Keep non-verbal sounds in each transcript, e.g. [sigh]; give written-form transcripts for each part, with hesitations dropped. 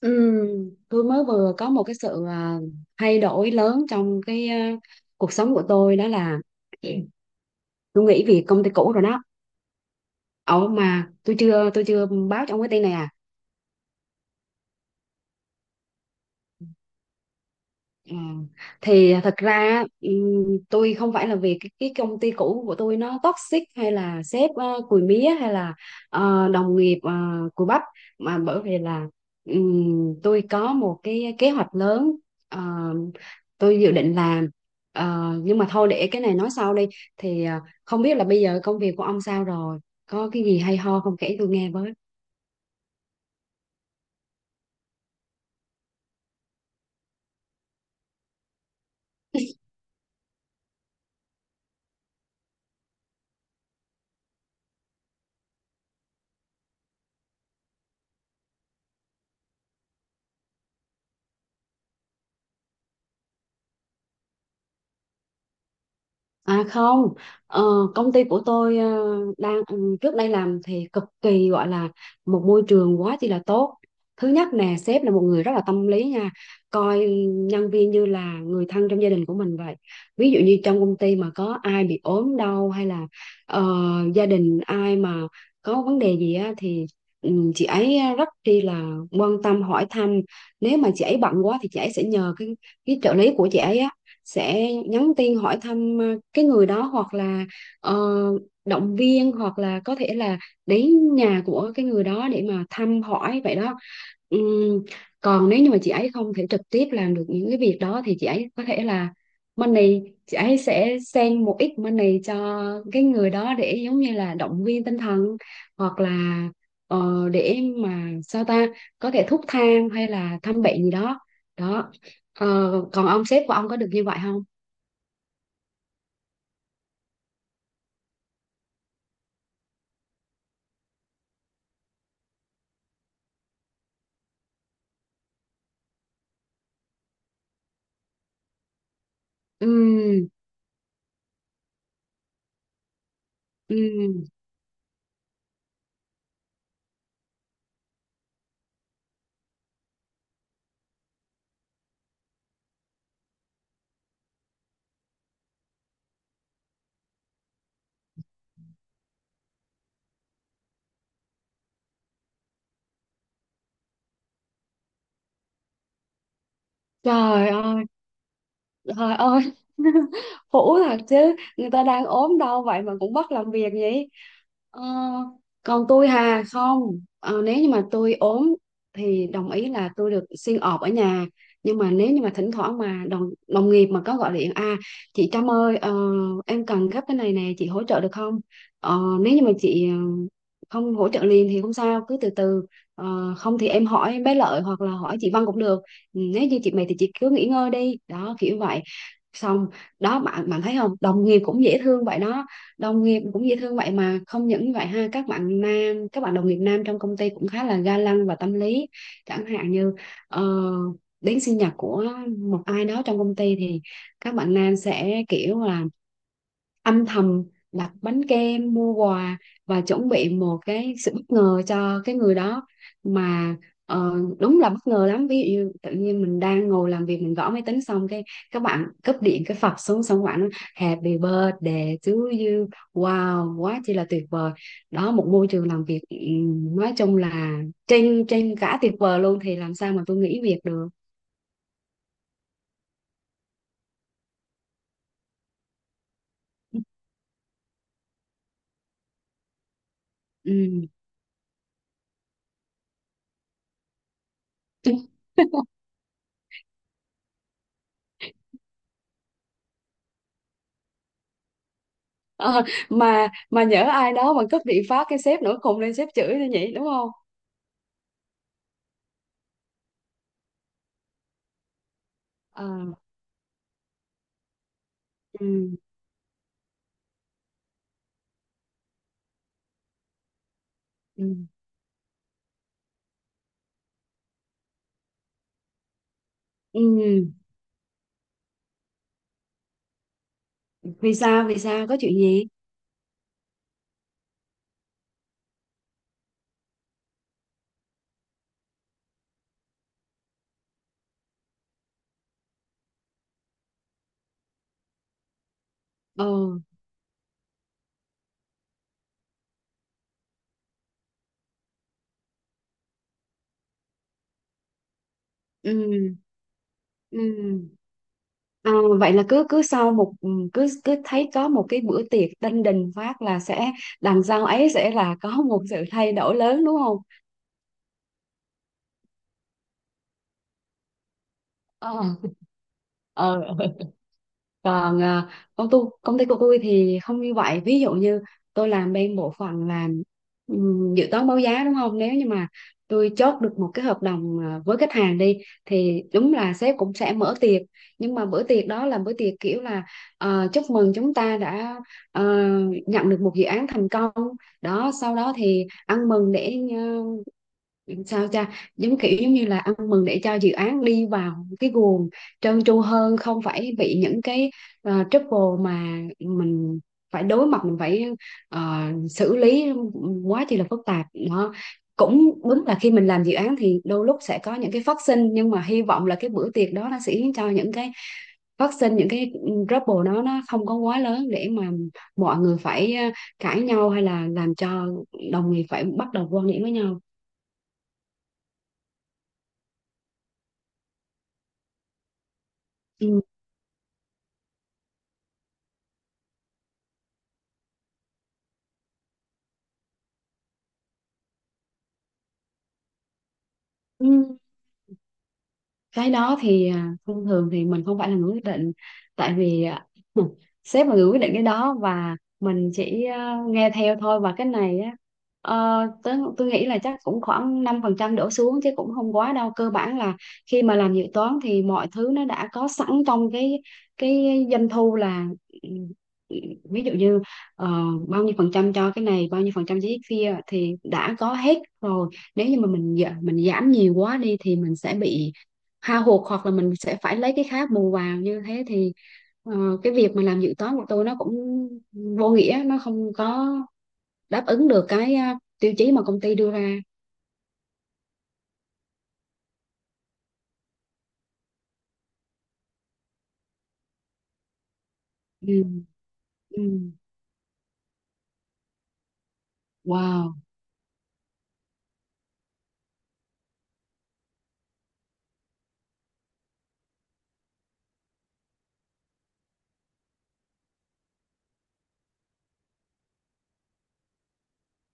Ừ, tôi mới vừa có một cái sự thay đổi lớn trong cuộc sống của tôi đó là tôi nghỉ việc công ty cũ rồi đó. Ồ mà tôi chưa báo cho ông cái tin này à. Ờ, thì thật ra tôi không phải là vì cái công ty cũ của tôi nó toxic hay là sếp cùi mía hay là đồng nghiệp cùi bắp mà bởi vì là tôi có một cái kế hoạch lớn, ờ, tôi dự định làm. Ờ, nhưng mà thôi để cái này nói sau đi. Thì không biết là bây giờ công việc của ông sao rồi, có cái gì hay ho không kể tôi nghe với. À không, ờ, công ty của tôi, đang trước đây làm thì cực kỳ gọi là một môi trường quá chi là tốt. Thứ nhất nè, sếp là một người rất là tâm lý nha, coi nhân viên như là người thân trong gia đình của mình vậy. Ví dụ như trong công ty mà có ai bị ốm đau hay là ờ, gia đình ai mà có vấn đề gì á thì chị ấy rất chi là quan tâm hỏi thăm. Nếu mà chị ấy bận quá thì chị ấy sẽ nhờ cái trợ lý của chị ấy á sẽ nhắn tin hỏi thăm cái người đó, hoặc là ờ, động viên, hoặc là có thể là đến nhà của cái người đó để mà thăm hỏi vậy đó. Ừm, còn nếu như mà chị ấy không thể trực tiếp làm được những cái việc đó thì chị ấy có thể là money, chị ấy sẽ send một ít money cho cái người đó để giống như là động viên tinh thần, hoặc là để mà sao ta, có thể thuốc thang hay là thăm bệnh gì đó đó. Ờ, còn ông sếp của ông có được như vậy không? Ừ, ừ. Trời ơi. Trời ơi, [laughs] hũ thật chứ, người ta đang ốm đau vậy mà cũng bắt làm việc vậy. Ờ, còn tôi hà không, Ờ, nếu như mà tôi ốm thì đồng ý là tôi được xin ọp ở nhà. Nhưng mà nếu như mà thỉnh thoảng mà đồng đồng nghiệp mà có gọi điện à, chị Trâm ơi, em cần gấp cái này nè chị hỗ trợ được không? Ờ, nếu như mà chị không hỗ trợ liền thì không sao cứ từ từ. Ờ, không thì em hỏi bé Lợi hoặc là hỏi chị Văn cũng được. Ừ, nếu như chị mệt thì chị cứ nghỉ ngơi đi đó kiểu vậy, xong đó. Bạn bạn thấy không, đồng nghiệp cũng dễ thương vậy đó, đồng nghiệp cũng dễ thương vậy mà không những như vậy ha, các bạn nam, các bạn đồng nghiệp nam trong công ty cũng khá là ga lăng và tâm lý. Chẳng hạn như ờ, đến sinh nhật của một ai đó trong công ty thì các bạn nam sẽ kiểu là âm thầm đặt bánh kem mua quà và chuẩn bị một cái sự bất ngờ cho cái người đó mà. Ờ, đúng là bất ngờ lắm, ví dụ như tự nhiên mình đang ngồi làm việc mình gõ máy tính xong cái các bạn cúp điện cái phập xuống xong các bạn nói, happy birthday to you, wow, quá chỉ là tuyệt vời. Đó, một môi trường làm việc, nói chung là trên trên cả tuyệt vời luôn, thì làm sao mà tôi nghỉ việc được. Ừ. [laughs] Ờ, mà nhỡ ai đó mà cúp điện phát cái sếp nữa cùng lên sếp chửi nữa nhỉ, đúng không? Ờ, ừ, ừ, ừ. Vì sao, vì sao có chuyện gì? Ờ ừ ừ À, vậy là cứ cứ sau một cứ cứ thấy có một cái bữa tiệc đinh đình phát là sẽ đằng sau ấy sẽ là có một sự thay đổi lớn đúng không? Ờ. Ờ. Còn à, công ty của tôi thì không như vậy, ví dụ như tôi làm bên bộ phận làm dự toán báo giá đúng không, nếu như mà tôi chốt được một cái hợp đồng à, với khách hàng đi thì đúng là sếp cũng sẽ mở tiệc, nhưng mà bữa tiệc đó là bữa tiệc kiểu là chúc mừng chúng ta đã ờ, nhận được một dự án thành công đó. Sau đó thì ăn mừng để sao cha, giống kiểu giống như là ăn mừng để cho dự án đi vào cái guồng trơn tru hơn, không phải bị những cái trouble mà mình phải đối mặt, mình phải ờ, xử lý quá chi là phức tạp đó. Cũng đúng là khi mình làm dự án thì đôi lúc sẽ có những cái phát sinh, nhưng mà hy vọng là cái bữa tiệc đó nó sẽ khiến cho những cái phát sinh, những cái trouble đó nó không có quá lớn để mà mọi người phải cãi nhau hay là làm cho đồng nghiệp phải bắt đầu quan điểm với nhau. Ừ. Ừ. Cái đó thì à, thông thường thì mình không phải là người quyết định, tại vì à, [laughs] sếp là người quyết định cái đó và mình chỉ à, nghe theo thôi. Và cái này á, tớ, tôi nghĩ là chắc cũng khoảng 5% đổ xuống chứ cũng không quá đâu, cơ bản là khi mà làm dự toán thì mọi thứ nó đã có sẵn trong cái doanh thu là, ừ, ví dụ như ờ, bao nhiêu phần trăm cho cái này bao nhiêu phần trăm cho cái kia thì đã có hết rồi. Nếu như mà mình mình giảm nhiều quá đi thì mình sẽ bị hao hụt hoặc là mình sẽ phải lấy cái khác bù vào, như thế thì ờ, cái việc mà làm dự toán của tôi nó cũng vô nghĩa, nó không có đáp ứng được cái tiêu chí mà công ty đưa ra. Ừ, ừ, wow,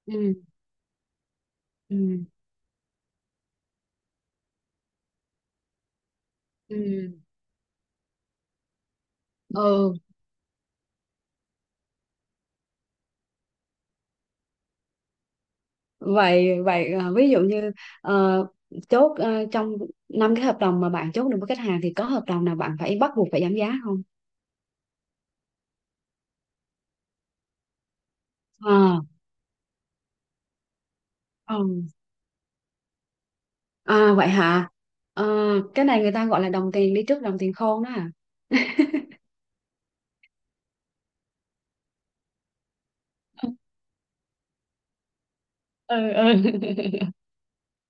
ừ, ừ, ừ. Ừ. Vậy vậy, ví dụ như ờ, chốt trong năm cái hợp đồng mà bạn chốt được với khách hàng thì có hợp đồng nào bạn phải bắt buộc phải giảm giá không? À, ừ. À vậy hả. Ờ, cái này người ta gọi là đồng tiền đi trước đồng tiền khôn đó à. Ừ, ừ. [laughs]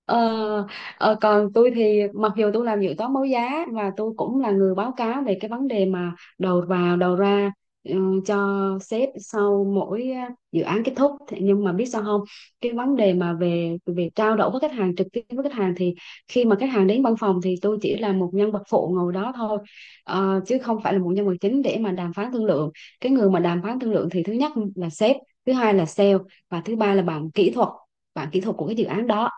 ờ, còn tôi thì mặc dù tôi làm dự toán báo giá và tôi cũng là người báo cáo về cái vấn đề mà đầu vào đầu ra, cho sếp sau mỗi dự án kết thúc. Thế nhưng mà biết sao không, cái vấn đề mà về về trao đổi với khách hàng, trực tiếp với khách hàng thì khi mà khách hàng đến văn phòng thì tôi chỉ là một nhân vật phụ ngồi đó thôi. Ờ, chứ không phải là một nhân vật chính để mà đàm phán thương lượng. Cái người mà đàm phán thương lượng thì thứ nhất là sếp, thứ hai là sale, và thứ ba là bạn kỹ thuật, bạn kỹ thuật của cái dự án đó.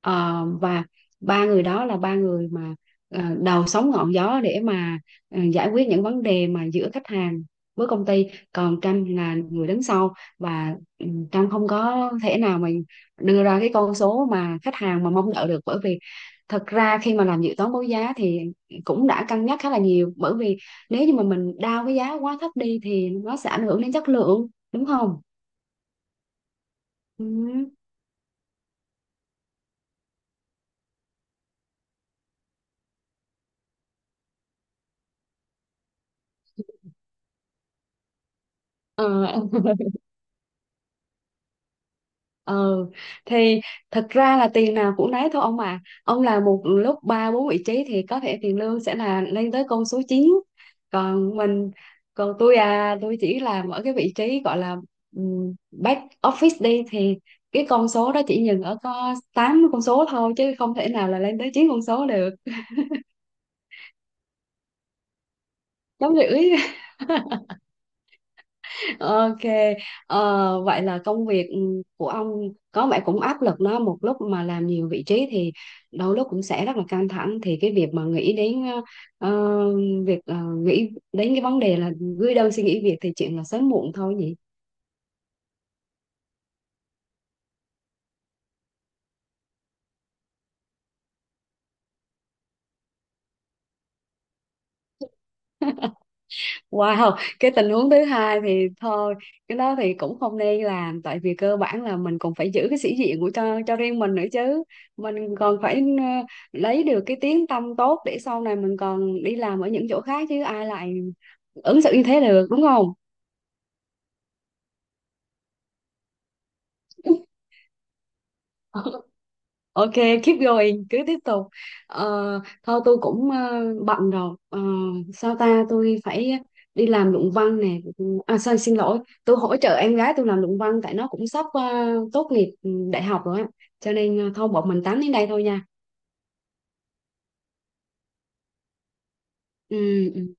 Ờ, và ba người đó là ba người mà đầu sóng ngọn gió để mà giải quyết những vấn đề mà giữa khách hàng với công ty. Còn Trâm là người đứng sau và Trâm không có thể nào mà đưa ra cái con số mà khách hàng mà mong đợi được, bởi vì thật ra khi mà làm dự toán báo giá thì cũng đã cân nhắc khá là nhiều, bởi vì nếu như mà mình đao cái giá quá thấp đi thì nó sẽ ảnh hưởng đến chất lượng, đúng không? Ừ. Ờ, ừ, thì thật ra là tiền nào cũng nấy thôi ông à, ông làm một lúc ba bốn vị trí thì có thể tiền lương sẽ là lên tới con số chín. Còn mình, còn tôi à, tôi chỉ làm ở cái vị trí gọi là back office đi thì cái con số đó chỉ dừng ở có 8 con số thôi chứ không thể nào là lên tới 9 con số được. Giống như, Ok, vậy là công việc của ông có vẻ cũng áp lực đó, một lúc mà làm nhiều vị trí thì đôi lúc cũng sẽ rất là căng thẳng. Thì cái việc mà nghĩ đến ờ, việc nghĩ đến cái vấn đề là gửi đơn xin nghỉ việc thì chuyện là sớm muộn thôi nhỉ. Wow, cái tình huống thứ hai thì thôi, cái đó thì cũng không nên làm, tại vì cơ bản là mình cũng phải giữ cái sĩ diện của cho riêng mình nữa chứ. Mình còn phải lấy được cái tiếng tăm tốt để sau này mình còn đi làm ở những chỗ khác chứ ai lại ứng xử như thế được, đúng không? [laughs] Ok, keep going, cứ tiếp tục. Thôi tôi cũng bận rồi. Ờ, Sao ta, tôi phải đi làm luận văn nè. À, sao, xin lỗi, tôi hỗ trợ em gái tôi làm luận văn tại nó cũng sắp tốt nghiệp đại học rồi á. Cho nên thôi bọn mình tám đến đây thôi nha. Ừ, ừ.